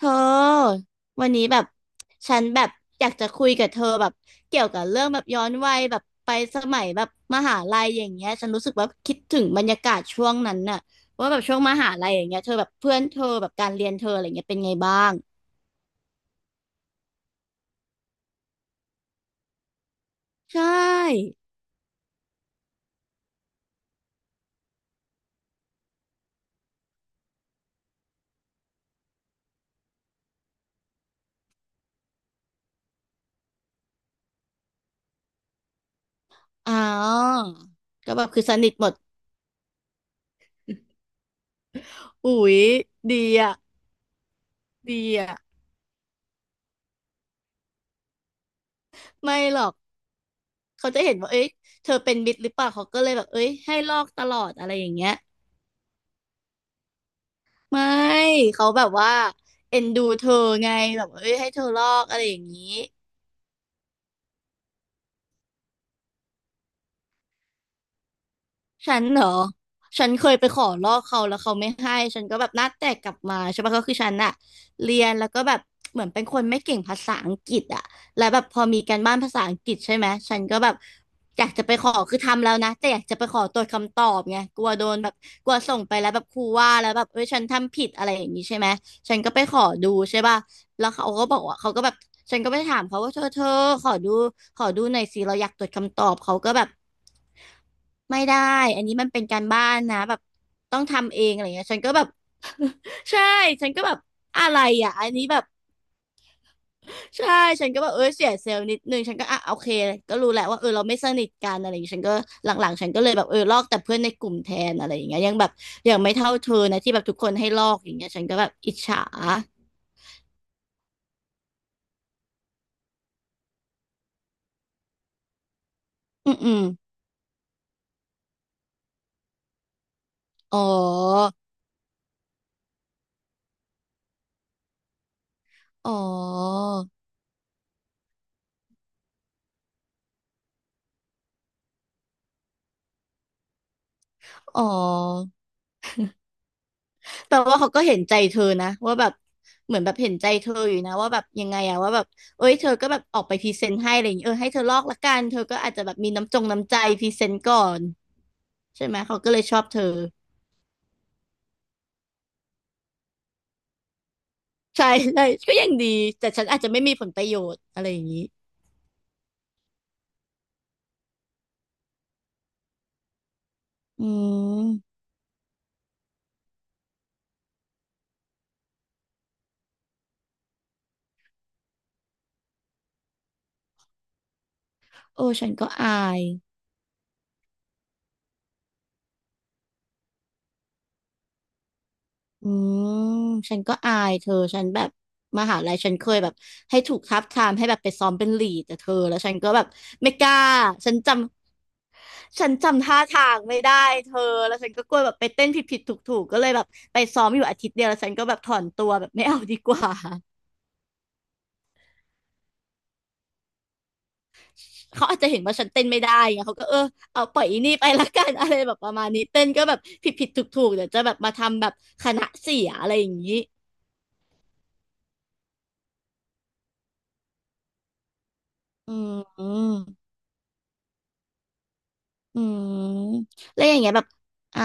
เธอวันนี้แบบฉันแบบอยากจะคุยกับเธอแบบเกี่ยวกับเรื่องแบบย้อนวัยแบบไปสมัยแบบมหาลัยอย่างเงี้ยฉันรู้สึกว่าคิดถึงบรรยากาศช่วงนั้นน่ะว่าแบบช่วงมหาลัยอย่างเงี้ยเธอแบบเพื่อนเธอแบบการเรียนเธออะไรเงี้ยเป็นไงบ้างใช่อ๋อก็แบบคือสนิทหมดอุ๊ยดีอ่ะดีอ่ะไม่หรอกเขาจะเห็นว่าเอ้ยเธอเป็นมิตรหรือเปล่าเขาก็เลยแบบเอ้ยให้ลอกตลอดอะไรอย่างเงี้ย ไม่เขาแบบว่าเอ็นดูเธอไงแบบเอ้ยให้เธอลอกอะไรอย่างนี้ฉันเหรอฉันเคยไปขอลอกเขาแล้วเขาไม่ให้ฉันก็แบบหน้าแตกกลับมาใช่ปะก็คือฉันอะเรียนแล้วก็แบบเหมือนเป็นคนไม่เก่งภาษาอังกฤษอะแล้วแบบพอมีการบ้านภาษาอังกฤษใช่ไหมฉันก็แบบอยากจะไปขอคือทำแล้วนะแต่อยากจะไปขอตรวจคำตอบไงกลัวโดนแบบกลัวส่งไปแล้วแบบครูว่าแล้วแบบเอ้ยฉันทำผิดอะไรอย่างนี้ใช่ไหมฉันก็ไปขอดูใช่ปะ แล้วเขาก็บอกว่าเขาก็แบบฉันก็ไปถามเขาว่าเธอขอดูขอดูหน่อยสิเราอยากตรวจคำตอบเขาก็แบบไม่ได้อันนี้มันเป็นการบ้านนะแบบต้องทำเองอะไรเงี้ยฉันก็แบบ ใช่ฉันก็แบบอะไรอ่ะอันนี้แบบใช่ฉันก็แบบเออเสียเซลล์นิดนึงฉันก็อ่ะโอเคก็รู้แหละว่าเออเราไม่สนิทกันอะไรอย่างเงี้ยฉันก็หลังๆฉันก็เลยแบบเออลอกแต่เพื่อนในกลุ่มแทนอะไรอย่างเงี้ยยังแบบยังไม่เท่าเธอนะที่แบบทุกคนให้ลอกอย่างเงี้ยฉันก็แบบอิจฉาอืมอืมอ๋อ อ๋ออ๋อแต่ว่าเขาก็เห็นใจเธอนะว่าแบบเหมือนแบบเห็นใจเธออยู่นะว่าแบบยังไงอะว่าแบบเอ้ยเธอก็แบบออกไปพรีเซนต์ให้อะไรอย่างเงี้ยเออให้เธอลอกละกันเธอก็อาจจะแบบมีน้ำจงน้ำใจพรีเซนต์ก่อนใช่ไหมเขาก็เลยชอบเธอใช่ใช่ก็ยังดีแต่ฉันอาจจะไม่มีผลประโยชน์อะไรอย่างนี้อืมโอ้ฉันก็อาย อืมฉันก็อายเธอฉันแบบมหาลัยฉันเคยแบบให้ถูกทับทามให้แบบไปซ้อมเป็นลีดแต่เธอแล้วฉันก็แบบไม่กล้าฉันจฉันจำท่าทางไม่ได้เธอแล้วฉันก็กลัวแบบไปเต้นผิดผิดถูกถูกๆก็เลยแบบไปซ้อมอยู่อาทิตย์เดียวแล้วฉันก็แบบถอนตัวแบบไม่เอาดีกว่า เขาอาจจะเห็นว่าฉันเต้นไม่ได้ไงเขาก็เออเอาปล่อยอีนี่ไปละกัน อะไรแบบประมาณนี้เต้นก็แบบผิดผิดถูกถูกๆเดี๋ยวจะแบบมาทำแบบคณะเสียอะไรอย่างนี้อืม อืมแล้วอย่างเงี้ยแบบอ่า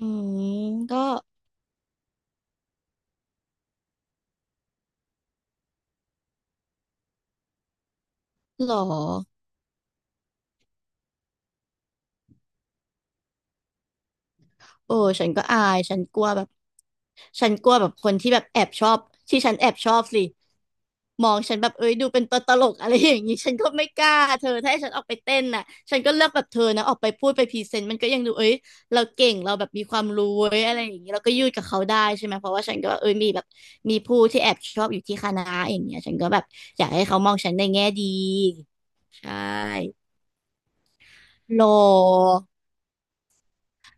อืมก็หรอโอ้ฉันก็อายฉันกลัวแบบฉันกลัวแบบคนที่แบบแอบชอบที่ฉันแอบชอบสิมองฉันแบบเอ้ยดูเป็นตัวตลกอะไรอย่างงี้ฉันก็ไม่กล้าเธอถ้าให้ฉันออกไปเต้นน่ะฉันก็เลือกแบบเธอนะออกไปพูดไปพรีเซนต์มันก็ยังดูเอ้ยเราเก่งเราแบบมีความรู้เว้ยอะไรอย่างงี้เราก็ยืดกับเขาได้ใช่ไหมเพราะว่าฉันก็เอ้ยมีแบบมีผู้ที่แอบชอบอยู่ที่คณะอย่างเงี้ยฉันก็แบบอยากให้เขามองฉันในแง่ดี ใช่โล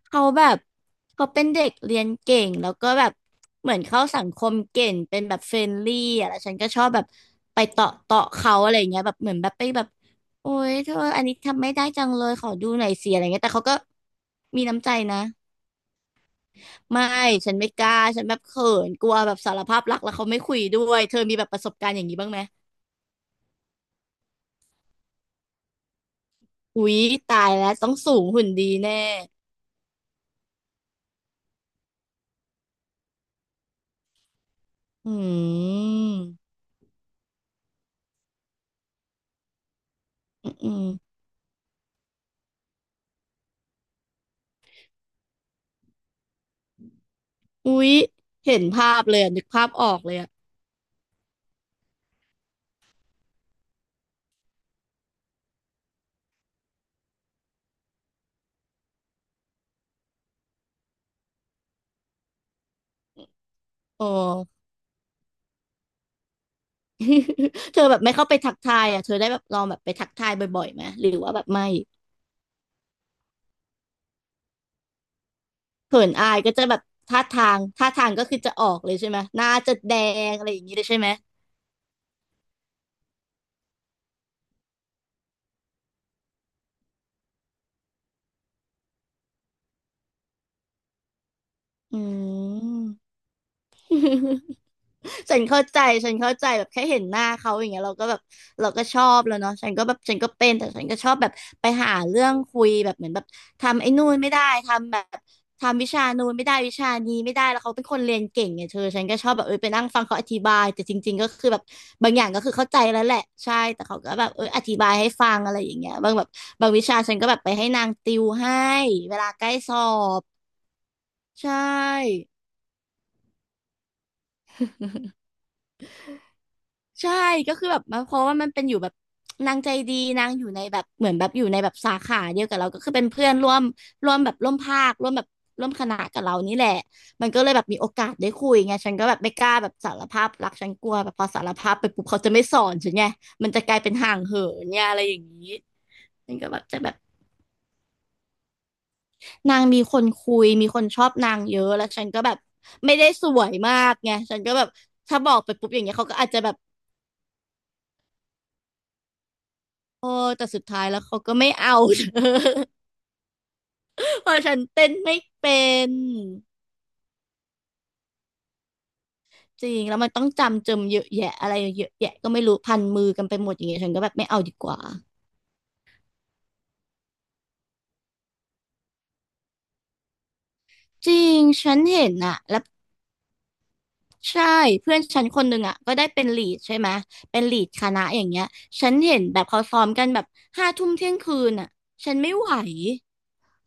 เขาแบบเขาเป็นเด็กเรียนเก่งแล้วก็แบบเหมือนเข้าสังคมเก่งเป็นแบบเฟรนลี่อะแล้วฉันก็ชอบแบบไปเตาะเตาะเขาอะไรอย่างเงี้ยแบบเหมือนแบบไปแบบโอ๊ยเธออันนี้ทำไม่ได้จังเลยขอดูหน่อยสิอะไรเงี้ยแต่เขาก็มีน้ำใจนะไม่ฉันไม่กล้าฉันแบบเขินกลัวแบบสารภาพรักแล้วเขาไม่คุยด้วยเธอมีแบบประสบการณ์อย่างนี้บ้างไหมอุ๊ยตายแล้วต้องสูงหุ่นดีแน่อืมอืม อุ๊ยเห็นภาพเลยอะนึกภาพออกเลยอ่ะอ๋อ เธอแบบไม่เข้าไปทักทายอ่ะเธอได้แบบลองแบบไปทักทายบ่อยๆไหมหรือว่าแบบไม่เขินอายก็จะแบบท่าทางก็คือจะออกเลยใช่ไหมหน้าจะแดงอะไรอย่างนี้เลยใช่ไหมอืม ฉันเข้าใจฉันเข้าใจแบบแค่เห็นหน้าเขาอย่างเงี้ยเราก็แบบเราก็ชอบแล้วเนาะฉันก็แบบฉันก็เป็น แต่ฉันก็ชอบแบบไปหาเรื่องคุยแบบเหมือนแบบทำไอ้นู่นไม่ได้ ทำแบบทำวิชานู่นไม่ได้วิชานี้ไม่ได้แล้วเขาเป็นคนเรียนเก่งไงเธอฉันก็ชอบแบบไปนั่งฟังเขาอธิบายแต่จริงๆก็คือแบบบางอย่างก็คือเข้าใจแล้วแหละใช่แต่เขาก็แบบอธิบายให้ฟังอะไรอย่างเงี้ยบางแบบบางวิชาฉันก็แบบไปให้นางติวให้เวลาใกล้สอบใช่ ใช่ก็คือแบบมาเพราะว่ามันเป็นอยู่แบบนางใจดีนางอยู่ในแบบเหมือนแบบอยู่ในแบบสาขาเดียวกับเราก็คือเป็นเพื่อนร่วมแบบร่วมภาคร่วมแบบร่วมคณะกับเรานี่แหละมันก็เลยแบบมีโอกาสได้คุยไงฉันก็แบบไม่กล้าแบบสารภาพรักฉันกลัวแบบพอสารภาพไปปุ๊บเขาจะไม่สอนฉันไงมันจะกลายเป็นห่างเหินเนี่ยอะไรอย่างนี้มันก็แบบจะแบบนางมีคนคุยมีคนชอบนางเยอะแล้วฉันก็แบบไม่ได้สวยมากไงฉันก็แบบถ้าบอกไปปุ๊บอย่างเงี้ยเขาก็อาจจะแบบ โอ้แต่สุดท้ายแล้วเขาก็ไม่เอา เธอ เพราะฉันเต้นไม่เป็นจริงแล้วมันต้องจำเยอะแยะอะไรเยอะแยะก็ไม่รู้พันมือกันไปหมดอย่างเงี้ยฉันก็แบบไม่เอาดีกว่าจริงฉันเห็นอะแล้วใช่เพื่อนฉันคนหนึ่งอะก็ได้เป็นลีดใช่ไหมเป็นลีดคณะอย่างเงี้ยฉันเห็นแบบเขาซ้อมกันแบบห้าทุ่มเที่ยงคืนอะฉันไม่ไหว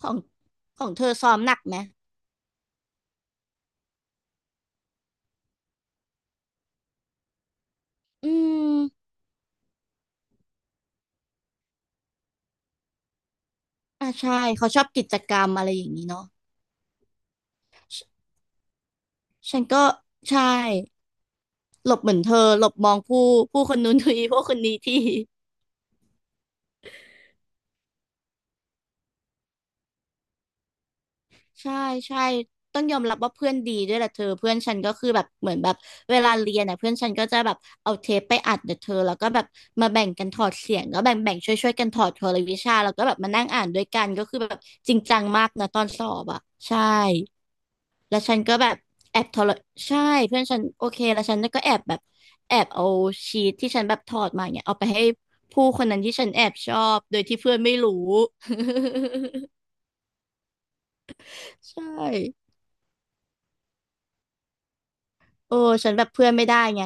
ของของเธอซ้อมหนักไหมอืมอ่าใช่เขาชอบกิจกรรมอะไรอย่างนี้เนาะฉฉันก็ใช่ หลบเหมือนเธอหลบมองผู้คนนู้นที ผู้คนนี้ทีใช่ใช่ต้องยอมรับว่าเพื่อนดีด้วยแหละเธอเพื่อนฉันก็คือแบบเหมือนแบบเวลาเรียนน่ะเพื่อนฉันก็จะแบบเอาเทปไปอัดเดี๋ยวเธอแล้วก็แบบมาแบ่งกันถอดเสียงก็แบ่งช่วยกันถอดเทอละวิชาแล้วก็แบบมานั่งอ่านด้วยกันก็คือแบบจริงจังมากนะตอนสอบอ่ะใช่ แล้วฉันก็แบบแอบทรใช่เพื่อนฉันโอเคแล้วฉันก็แอบแบบแอบเอาชีทที่ฉันแบบถอดมาเนี่ยเอาไปให้ผู้คนนั้นที่ฉันแอบชอบโดยที่เพื่อนไม่รู้ ใช่โอ้ฉันแบบเพื่อนไม่ได้ไง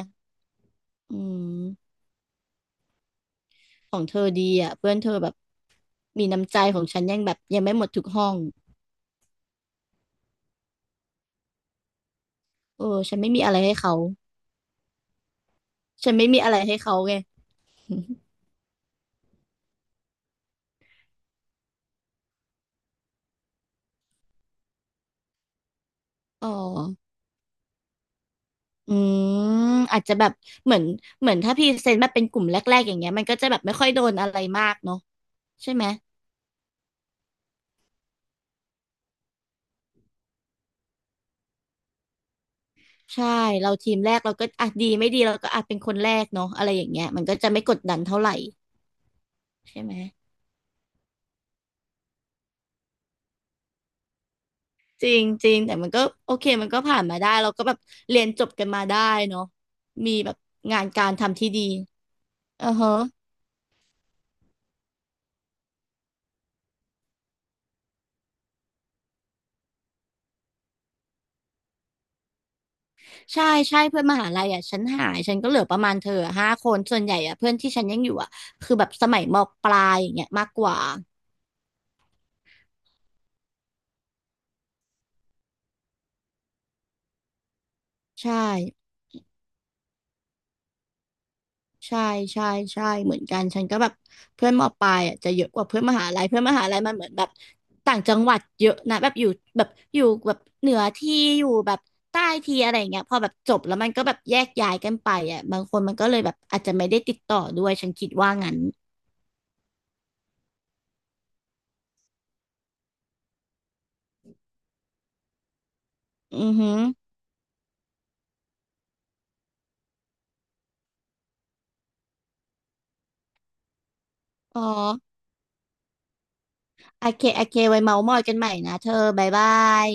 อืมเธอดีอ่ะเพื่อนเธอแบบมีน้ำใจของฉันยังแบบยังไม่หมดทุกห้องโอ้ฉันไม่มีอะไรให้เขาฉันไม่มีอะไรให้เขาไง อ๋ออืมอาจจะแบบเหมือนเหมือนถ้าพรีเซนต์แบบเป็นกลุ่มแรกๆอย่างเงี้ยมันก็จะแบบไม่ค่อยโดนอะไรมากเนาะ ใช่ไหมใช่เราทีมแรกเราก็อ่ะดีไม่ดีเราก็อาจเป็นคนแรกเนาะอะไรอย่างเงี้ยมันก็จะไม่กดดันเท่าไหร่ใช่ไหมจริงจริงแต่มันก็โอเคมันก็ผ่านมาได้เราก็แบบเรียนจบกันมาได้เนาะมีแบบงานการทำที่ดีอือฮะใช่ใช่เพื่อนมหาลัยอ่ะฉันหายฉันก็เหลือประมาณเธออะห้าคนส่วนใหญ่อ่ะเพื่อนที่ฉันยังอยู่อ่ะคือแบบสมัยมปลายอย่างเงี้ยมากกว่าใช่ ใช่ใช่ใช่เหมือนกันฉันก็แบบเพื่อนมปลายอ่ะจะเยอะกว่าเพื่อนมหาลัยเพื่อนมหาลัยมันเหมือนแบบต่างจังหวัดเยอะนะแบบอยู่แบบอยู่แบบเหนือที่อยู่แบบใต้ที่อะไรอย่างเงี้ยพอแบบจบแล้วมันก็แบบแยกย้ายกันไปอ่ะบางคนมันก็เลยแบบอาจจะไม่ได้ติดต่อด้วยฉันคิดว่างั้นอือหืออ๋อโอเคโอเคไว้เมาท์มอยกันใหม่นะเธอบ๊ายบาย